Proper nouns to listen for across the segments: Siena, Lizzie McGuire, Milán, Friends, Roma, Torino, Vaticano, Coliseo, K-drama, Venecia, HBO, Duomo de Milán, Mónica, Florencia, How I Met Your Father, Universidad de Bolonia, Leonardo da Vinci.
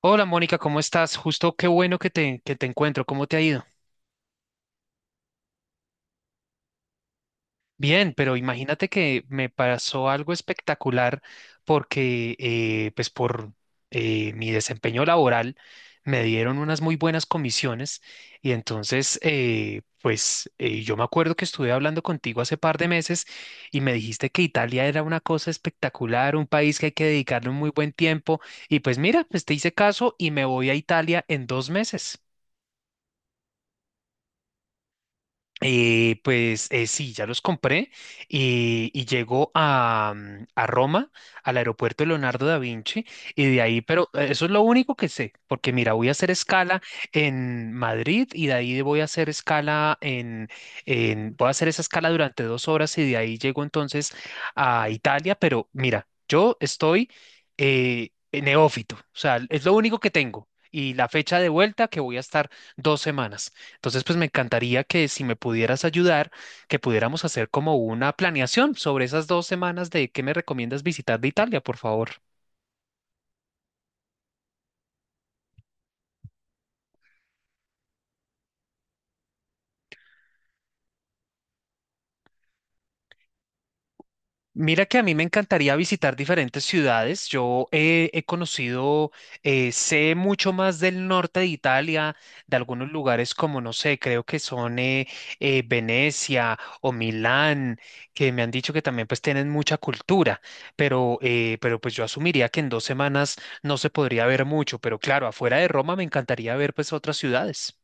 Hola Mónica, ¿cómo estás? Justo qué bueno que te encuentro, ¿cómo te ha ido? Bien, pero imagínate que me pasó algo espectacular porque pues por mi desempeño laboral me dieron unas muy buenas comisiones y entonces pues yo me acuerdo que estuve hablando contigo hace par de meses y me dijiste que Italia era una cosa espectacular, un país que hay que dedicarle un muy buen tiempo y pues mira, pues te hice caso y me voy a Italia en 2 meses. Pues sí, ya los compré y llego a Roma, al aeropuerto Leonardo da Vinci, y de ahí, pero eso es lo único que sé, porque mira, voy a hacer escala en Madrid y de ahí voy a hacer escala voy a hacer esa escala durante 2 horas y de ahí llego entonces a Italia, pero mira, yo estoy neófito, o sea, es lo único que tengo y la fecha de vuelta que voy a estar 2 semanas. Entonces, pues me encantaría que si me pudieras ayudar, que pudiéramos hacer como una planeación sobre esas 2 semanas de qué me recomiendas visitar de Italia, por favor. Mira que a mí me encantaría visitar diferentes ciudades. Yo he conocido, sé mucho más del norte de Italia, de algunos lugares como, no sé, creo que son Venecia o Milán, que me han dicho que también pues tienen mucha cultura, pero pues yo asumiría que en 2 semanas no se podría ver mucho, pero claro, afuera de Roma me encantaría ver pues otras ciudades.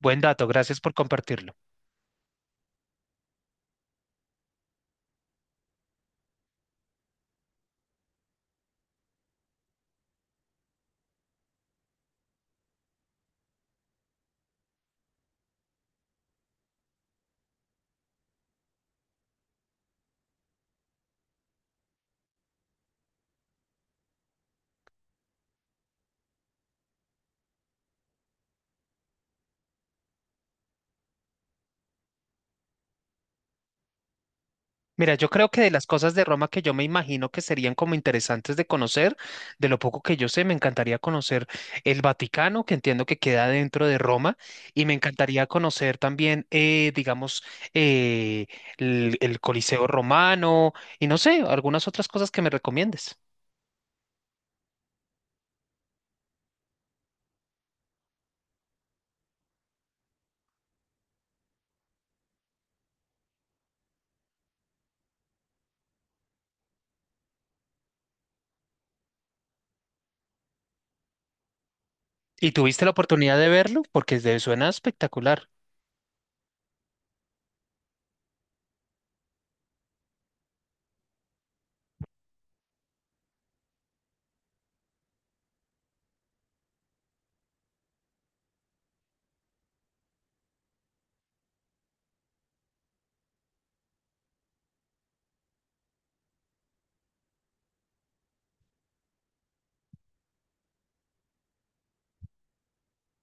Buen dato, gracias por compartirlo. Mira, yo creo que de las cosas de Roma que yo me imagino que serían como interesantes de conocer, de lo poco que yo sé, me encantaría conocer el Vaticano, que entiendo que queda dentro de Roma, y me encantaría conocer también, digamos, eh, el Coliseo romano y no sé, algunas otras cosas que me recomiendes. ¿Y tuviste la oportunidad de verlo? Porque suena espectacular.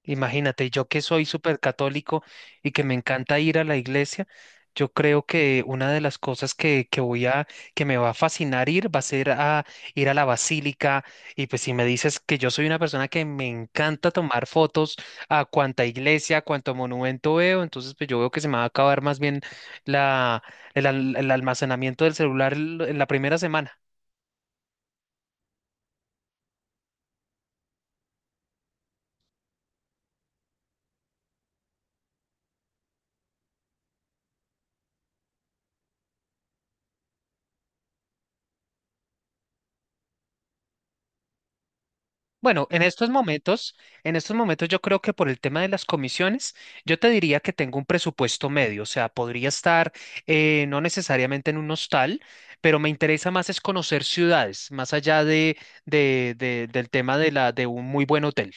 Imagínate, yo que soy súper católico y que me encanta ir a la iglesia, yo creo que una de las cosas que me va a fascinar ir va a ser a ir a la basílica. Y pues si me dices que yo soy una persona que me encanta tomar fotos a cuanta iglesia, a cuanto monumento veo, entonces pues yo veo que se me va a acabar más bien la, el almacenamiento del celular en la primera semana. Bueno, en estos momentos yo creo que por el tema de las comisiones, yo te diría que tengo un presupuesto medio, o sea, podría estar no necesariamente en un hostal, pero me interesa más es conocer ciudades, más allá del tema de un muy buen hotel.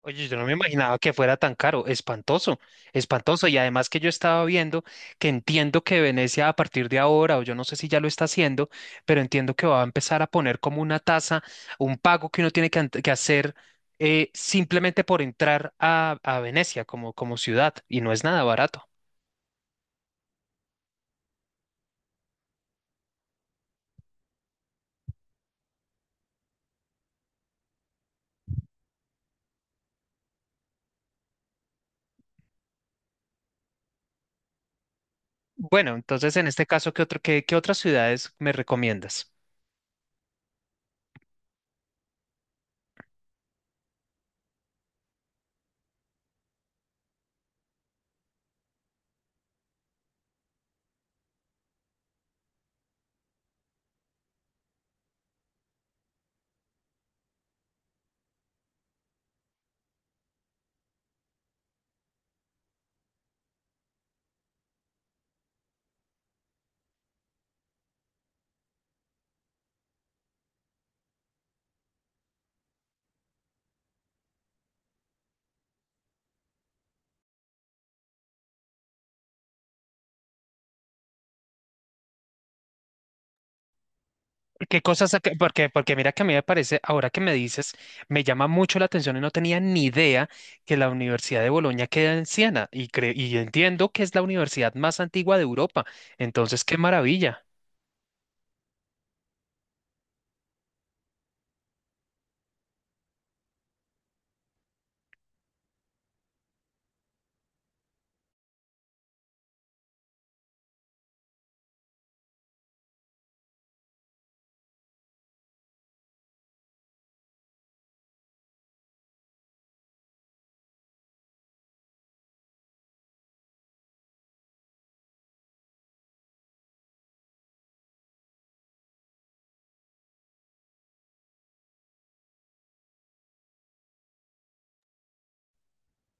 Oye, yo no me imaginaba que fuera tan caro, espantoso, espantoso. Y además que yo estaba viendo que entiendo que Venecia a partir de ahora, o yo no sé si ya lo está haciendo, pero entiendo que va a empezar a poner como una tasa, un pago que uno tiene que hacer simplemente por entrar a Venecia como ciudad, y no es nada barato. Bueno, entonces en este caso, ¿qué otras ciudades me recomiendas? ¿Qué cosas? Porque mira que a mí me parece, ahora que me dices, me llama mucho la atención y no tenía ni idea que la Universidad de Bolonia queda en Siena y entiendo que es la universidad más antigua de Europa. Entonces, qué maravilla.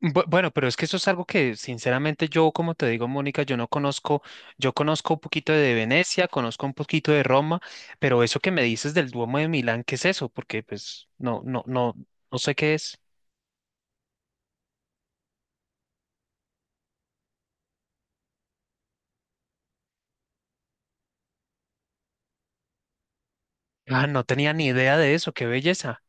Bueno, pero es que eso es algo que sinceramente yo, como te digo, Mónica, yo no conozco, yo conozco un poquito de Venecia, conozco un poquito de Roma, pero eso que me dices del Duomo de Milán, ¿qué es eso? Porque pues no, no, no, no sé qué es. Ah, no tenía ni idea de eso, qué belleza.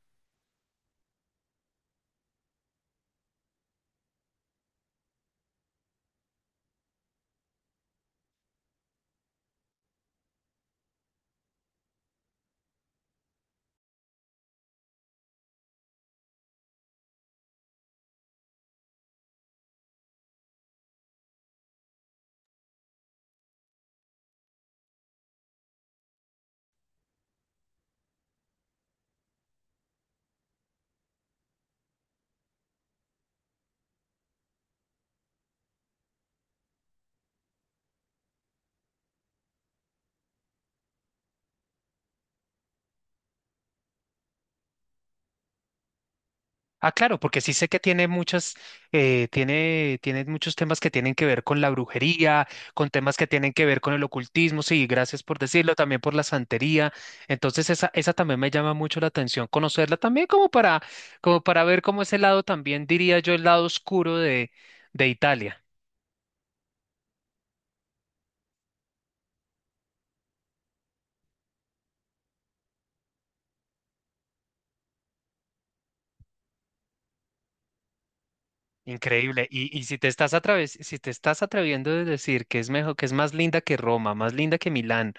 Ah, claro, porque sí sé que tiene muchas, tiene muchos temas que tienen que ver con la brujería, con temas que tienen que ver con el ocultismo, sí, gracias por decirlo, también por la santería. Entonces, esa también me llama mucho la atención, conocerla también como para ver cómo ese lado también, diría yo, el lado oscuro de Italia. Increíble. Y si te estás atreviendo a decir que es mejor, que es más linda que Roma, más linda que Milán,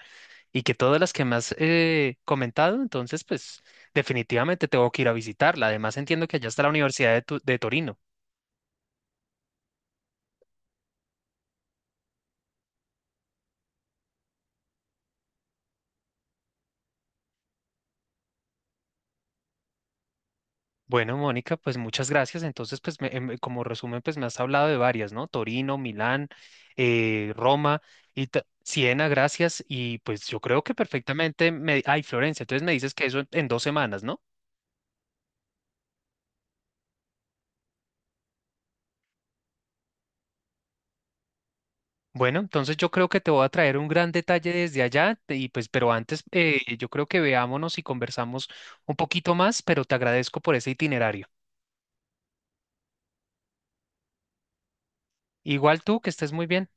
y que todas las que me has comentado, entonces pues definitivamente tengo que ir a visitarla. Además entiendo que allá está la Universidad de Torino. Bueno, Mónica, pues muchas gracias. Entonces, pues como resumen, pues me has hablado de varias, ¿no? Torino, Milán, Roma y Siena, gracias. Y pues yo creo que perfectamente me... Ay, Florencia, entonces me dices que eso en 2 semanas, ¿no? Bueno, entonces yo creo que te voy a traer un gran detalle desde allá y pues, pero antes yo creo que veámonos y conversamos un poquito más, pero te agradezco por ese itinerario. Igual tú, que estés muy bien.